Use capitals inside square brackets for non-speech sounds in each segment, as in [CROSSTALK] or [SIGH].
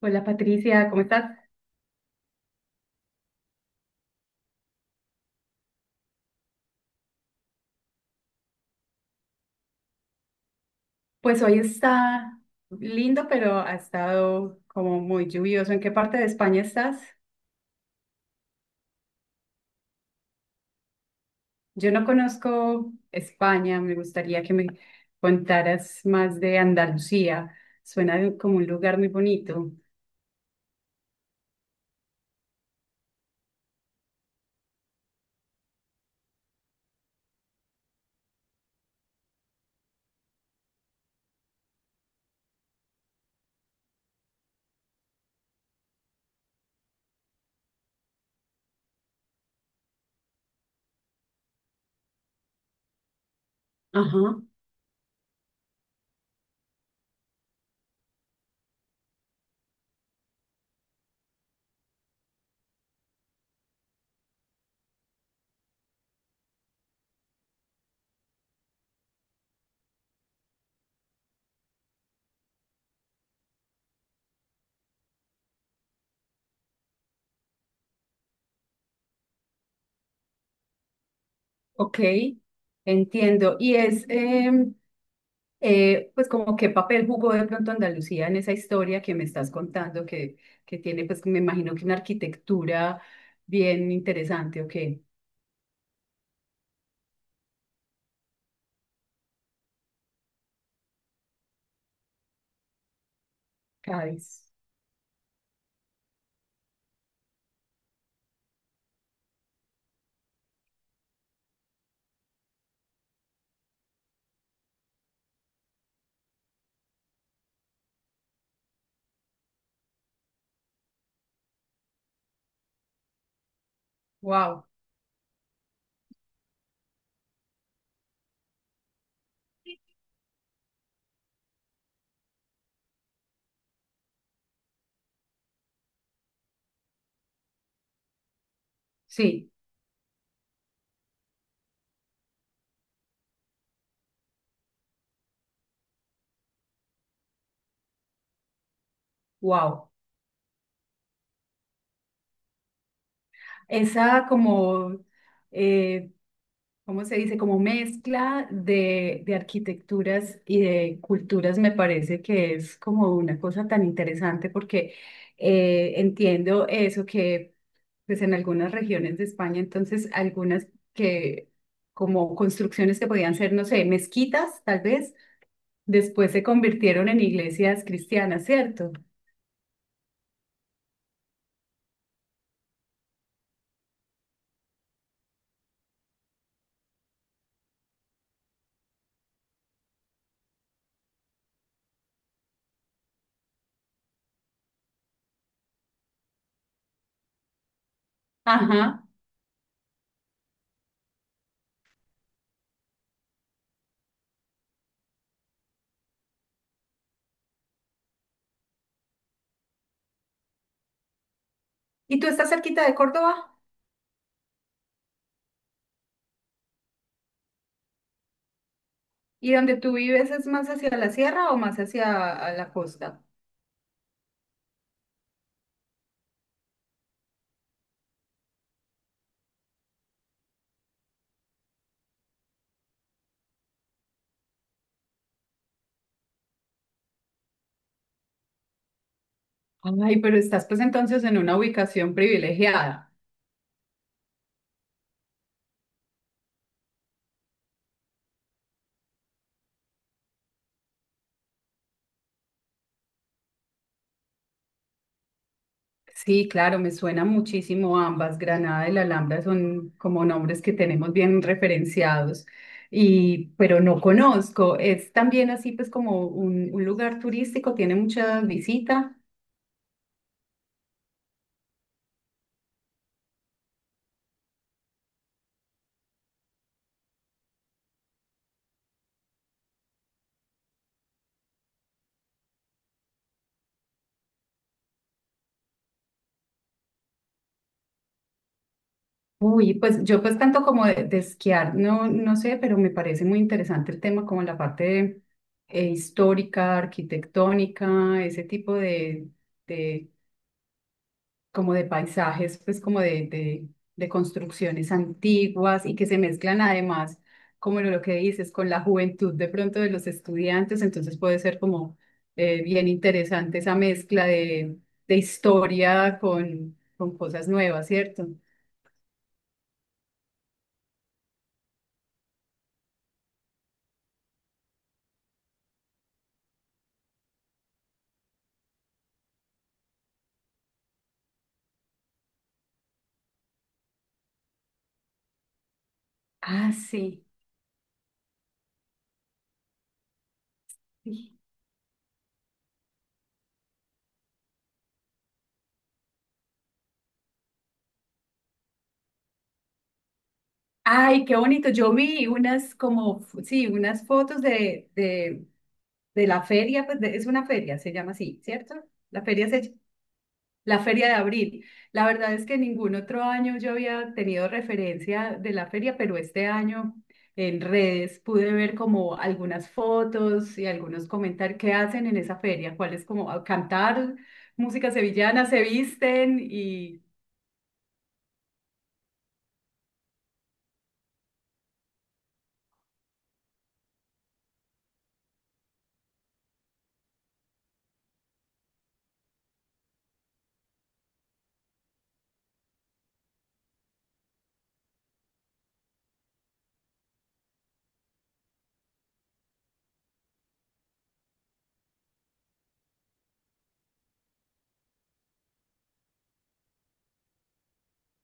Hola Patricia, ¿cómo estás? Pues hoy está lindo, pero ha estado como muy lluvioso. ¿En qué parte de España estás? Yo no conozco España, me gustaría que me contaras más de Andalucía. Suena como un lugar muy bonito. Ajá. Ok, entiendo. Y es, pues como qué papel jugó de pronto Andalucía en esa historia que me estás contando, que tiene, pues me imagino que una arquitectura bien interesante. Ok. Cádiz. Wow, sí, wow. Esa como, eh, ¿cómo se dice? Como mezcla de arquitecturas y de culturas me parece que es como una cosa tan interesante porque entiendo eso que pues en algunas regiones de España, entonces algunas que como construcciones que podían ser, no sé, mezquitas tal vez, después se convirtieron en iglesias cristianas, ¿cierto? Ajá. ¿Y tú estás cerquita de Córdoba? ¿Y donde tú vives es más hacia la sierra o más hacia a la costa? Ay, pero estás pues entonces en una ubicación privilegiada. Sí, claro, me suena muchísimo ambas. Granada y La Alhambra son como nombres que tenemos bien referenciados, y, pero no conozco. Es también así pues como un lugar turístico, tiene mucha visita. Uy, pues yo pues tanto como de esquiar, no, no sé, pero me parece muy interesante el tema como la parte histórica, arquitectónica, ese tipo de como de paisajes, pues como de construcciones antiguas y que se mezclan además, como lo que dices, con la juventud de pronto de los estudiantes, entonces puede ser como bien interesante esa mezcla de historia con cosas nuevas, ¿cierto? Ah, sí. Ay, qué bonito. Yo vi unas como, sí, unas fotos de la feria, pues es una feria, se llama así, ¿cierto? La feria se, la feria de abril. La verdad es que ningún otro año yo había tenido referencia de la feria, pero este año en redes pude ver como algunas fotos y algunos comentarios que hacen en esa feria, cuál es como ah, cantar música sevillana, se visten y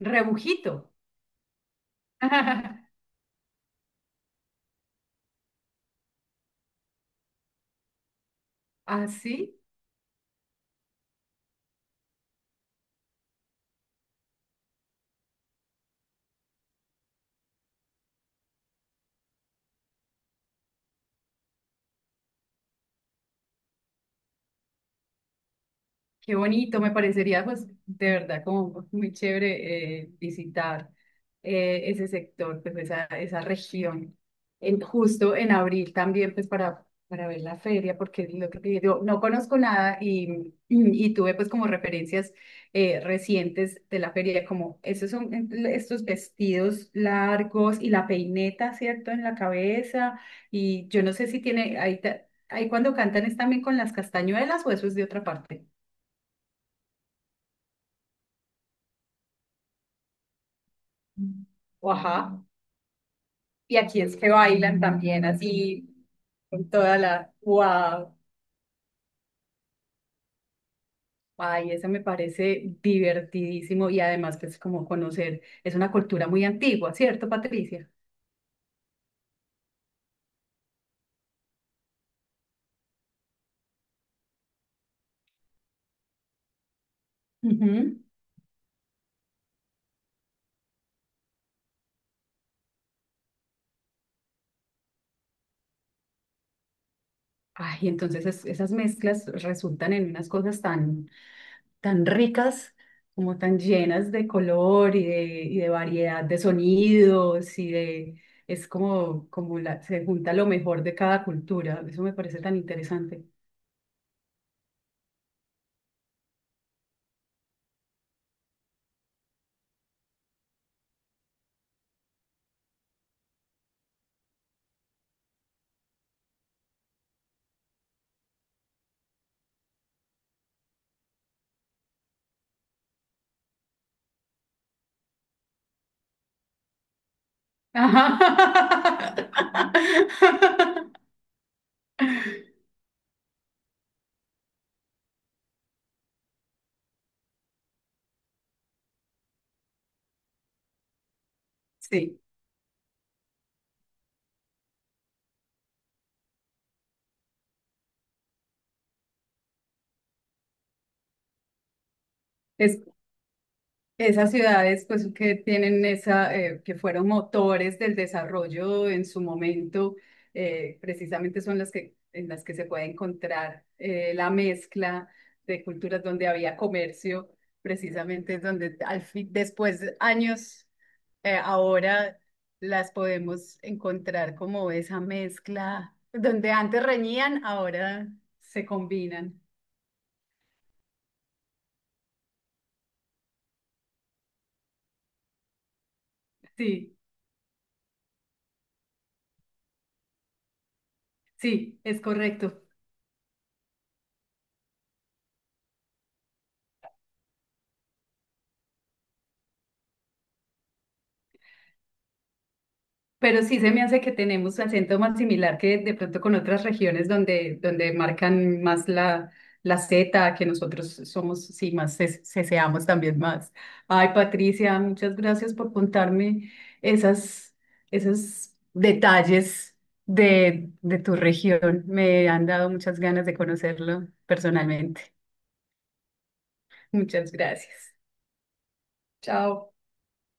rebujito. [LAUGHS] Así. Qué bonito, me parecería pues de verdad como muy chévere visitar ese sector, pues esa región, en, justo en abril también pues para ver la feria, porque es lo que te digo, no conozco nada y, [CLEARS THROAT] y tuve pues como referencias recientes de la feria, como esos son estos vestidos largos y la peineta, ¿cierto? En la cabeza y yo no sé si tiene, ahí, ahí cuando cantan es también con las castañuelas o eso es de otra parte. O ajá. Y aquí es que bailan también así, con toda la... ¡Wow! Ay, eso me parece divertidísimo y además pues como conocer, es una cultura muy antigua, ¿cierto, Patricia? Ujú. Ay, entonces esas mezclas resultan en unas cosas tan, tan ricas, como tan llenas de color y de variedad de sonidos y de... Es como, como la, se junta lo mejor de cada cultura. Eso me parece tan interesante. Ajá. [LAUGHS] Sí, es. Esas ciudades, pues, que tienen esa, que fueron motores del desarrollo en su momento, precisamente son las que, en las que se puede encontrar la mezcla de culturas donde había comercio, precisamente es donde al fin, después de años, ahora las podemos encontrar como esa mezcla, donde antes reñían, ahora se combinan. Sí, sí, es correcto. Pero sí se me hace que tenemos acento más similar que de pronto con otras regiones donde, donde marcan más la, la Z, que nosotros somos, sí, más ceseamos también más. Ay, Patricia, muchas gracias por contarme esas, esos detalles de tu región. Me han dado muchas ganas de conocerlo personalmente. Muchas gracias. Chao.